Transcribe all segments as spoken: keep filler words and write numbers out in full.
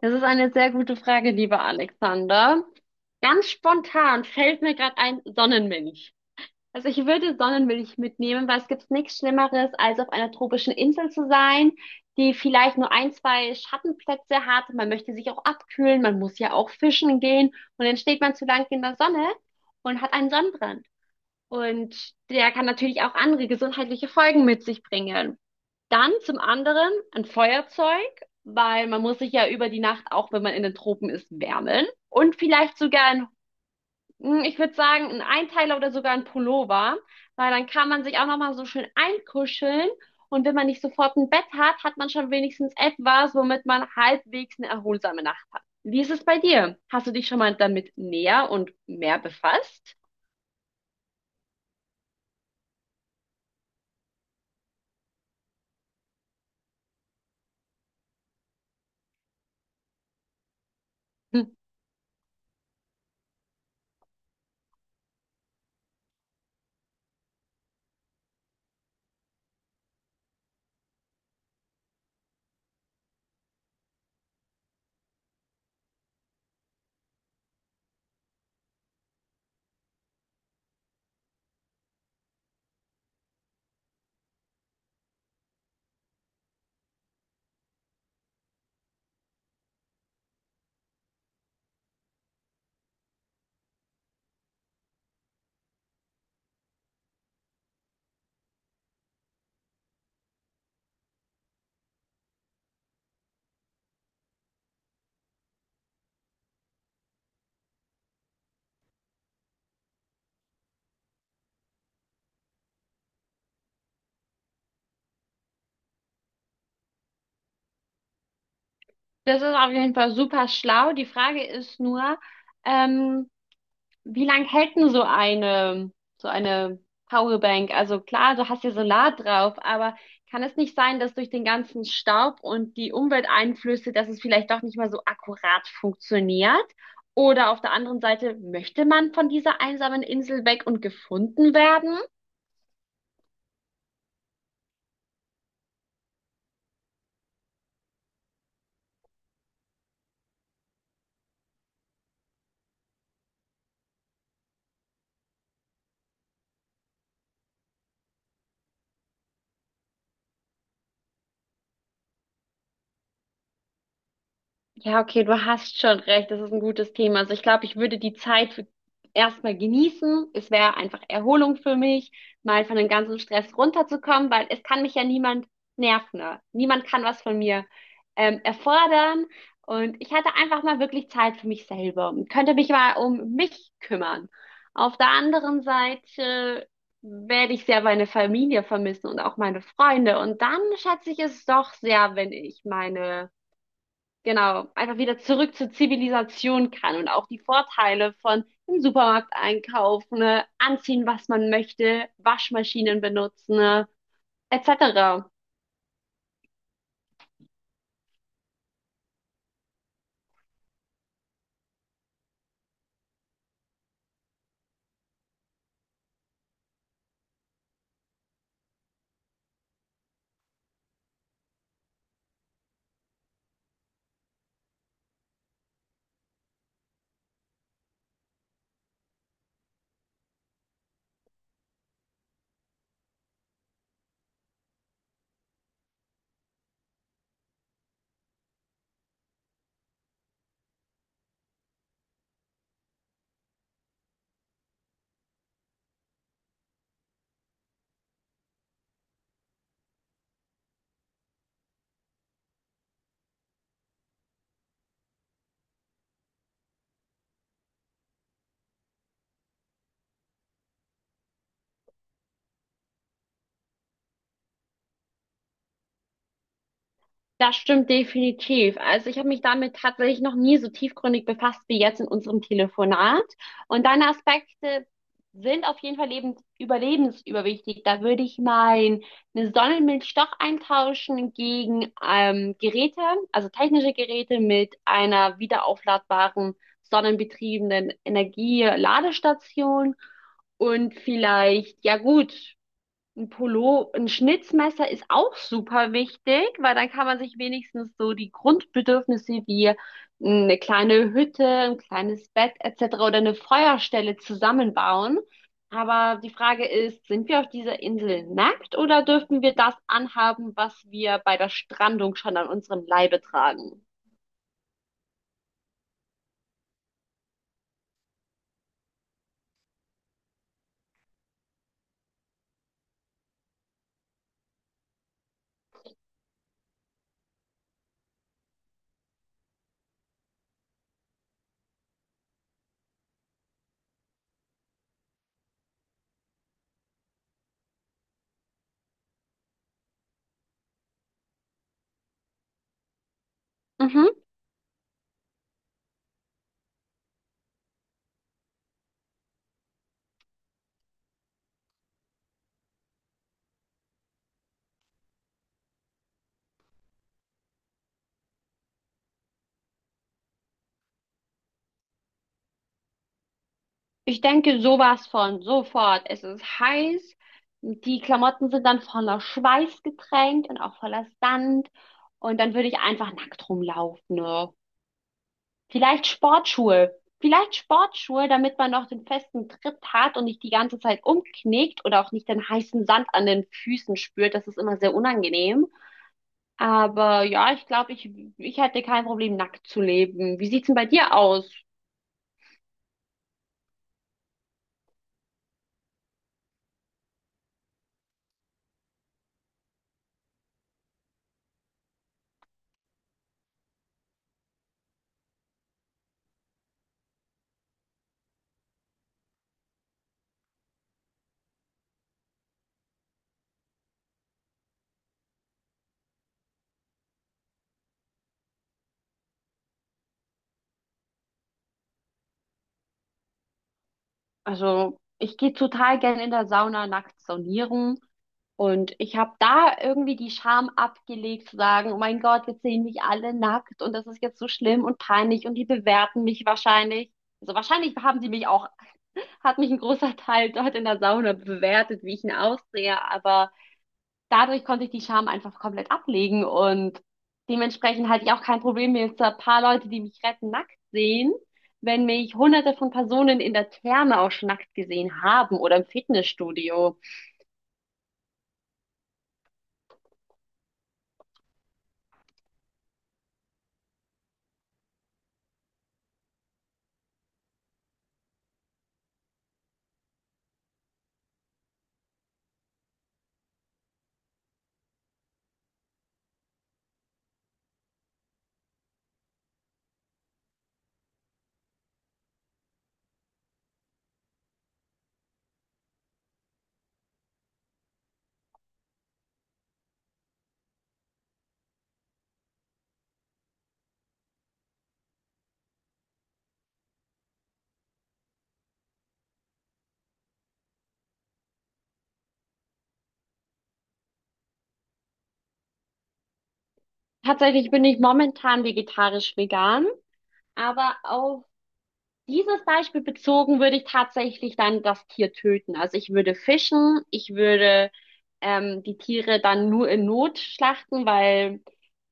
Das ist eine sehr gute Frage, lieber Alexander. Ganz spontan fällt mir gerade ein Sonnenmilch. Also ich würde Sonnenmilch mitnehmen, weil es gibt nichts Schlimmeres, als auf einer tropischen Insel zu sein, die vielleicht nur ein, zwei Schattenplätze hat. Man möchte sich auch abkühlen, man muss ja auch fischen gehen und dann steht man zu lange in der Sonne und hat einen Sonnenbrand. Und der kann natürlich auch andere gesundheitliche Folgen mit sich bringen. Dann zum anderen ein Feuerzeug, weil man muss sich ja über die Nacht, auch wenn man in den Tropen ist, wärmen. Und vielleicht sogar ein, hm, ich würde sagen, ein Einteiler oder sogar ein Pullover, weil dann kann man sich auch nochmal so schön einkuscheln. Und wenn man nicht sofort ein Bett hat, hat man schon wenigstens etwas, womit man halbwegs eine erholsame Nacht hat. Wie ist es bei dir? Hast du dich schon mal damit näher und mehr befasst? Hm. Das ist auf jeden Fall super schlau. Die Frage ist nur, ähm, wie lang hält denn so eine, so eine Powerbank? Also klar, du hast ja Solar drauf, aber kann es nicht sein, dass durch den ganzen Staub und die Umwelteinflüsse, dass es vielleicht doch nicht mehr so akkurat funktioniert? Oder auf der anderen Seite, möchte man von dieser einsamen Insel weg und gefunden werden? Ja, okay, du hast schon recht. Das ist ein gutes Thema. Also ich glaube, ich würde die Zeit für erstmal genießen. Es wäre einfach Erholung für mich, mal von dem ganzen Stress runterzukommen, weil es kann mich ja niemand nerven, ne? Niemand kann was von mir ähm, erfordern. Und ich hatte einfach mal wirklich Zeit für mich selber und könnte mich mal um mich kümmern. Auf der anderen Seite werde ich sehr meine Familie vermissen und auch meine Freunde. Und dann schätze ich es doch sehr, wenn ich meine, genau, einfach wieder zurück zur Zivilisation kann und auch die Vorteile von im Supermarkt einkaufen, ne, anziehen, was man möchte, Waschmaschinen benutzen, ne, et cetera. Das stimmt definitiv. Also ich habe mich damit tatsächlich noch nie so tiefgründig befasst wie jetzt in unserem Telefonat. Und deine Aspekte sind auf jeden Fall lebens überlebensüberwichtig. Da würde ich mein eine Sonnenmilch doch eintauschen gegen ähm, Geräte, also technische Geräte mit einer wiederaufladbaren sonnenbetriebenen Energieladestation. Und vielleicht, ja gut, ein Pullo, ein Schnitzmesser ist auch super wichtig, weil dann kann man sich wenigstens so die Grundbedürfnisse wie hm, eine kleine Hütte, ein kleines Bett et cetera oder eine Feuerstelle zusammenbauen. Aber die Frage ist, sind wir auf dieser Insel nackt oder dürfen wir das anhaben, was wir bei der Strandung schon an unserem Leibe tragen? Mhm. Ich denke sowas von, sofort. Es ist heiß, die Klamotten sind dann voller Schweiß getränkt und auch voller Sand. Und dann würde ich einfach nackt rumlaufen. Ne? Vielleicht Sportschuhe. Vielleicht Sportschuhe, damit man noch den festen Tritt hat und nicht die ganze Zeit umknickt oder auch nicht den heißen Sand an den Füßen spürt. Das ist immer sehr unangenehm. Aber ja, ich glaube, ich, ich hätte kein Problem, nackt zu leben. Wie sieht's denn bei dir aus? Also, ich gehe total gern in der Sauna nachts saunieren. Und ich habe da irgendwie die Scham abgelegt, zu sagen, oh mein Gott, jetzt sehen mich alle nackt und das ist jetzt so schlimm und peinlich und die bewerten mich wahrscheinlich. Also wahrscheinlich haben sie mich auch, hat mich ein großer Teil dort in der Sauna bewertet, wie ich ihn aussehe, aber dadurch konnte ich die Scham einfach komplett ablegen und dementsprechend hatte ich auch kein Problem, wenn jetzt ein paar Leute, die mich retten, nackt sehen, wenn mich hunderte von Personen in der Therme auch schon nackt gesehen haben oder im Fitnessstudio. Tatsächlich bin ich momentan vegetarisch vegan, aber auf dieses Beispiel bezogen würde ich tatsächlich dann das Tier töten. Also ich würde fischen, ich würde ähm, die Tiere dann nur in Not schlachten, weil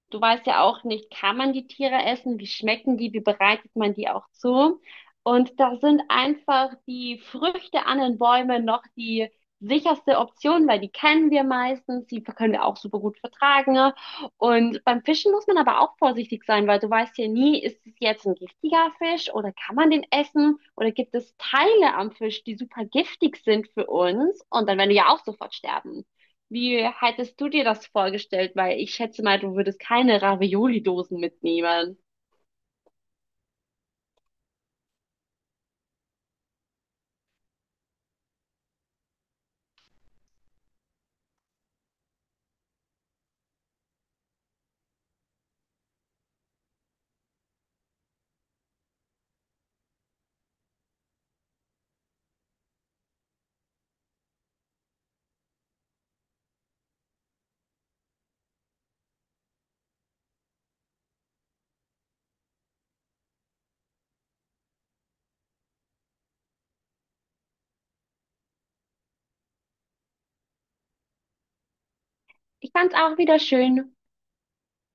du weißt ja auch nicht, kann man die Tiere essen, wie schmecken die, wie bereitet man die auch zu. Und da sind einfach die Früchte an den Bäumen noch die sicherste Option, weil die kennen wir meistens, die können wir auch super gut vertragen. Und beim Fischen muss man aber auch vorsichtig sein, weil du weißt ja nie, ist es jetzt ein giftiger Fisch oder kann man den essen oder gibt es Teile am Fisch, die super giftig sind für uns und dann werden wir ja auch sofort sterben. Wie hättest du dir das vorgestellt? Weil ich schätze mal, du würdest keine Ravioli-Dosen mitnehmen. Ich fand's auch wieder schön.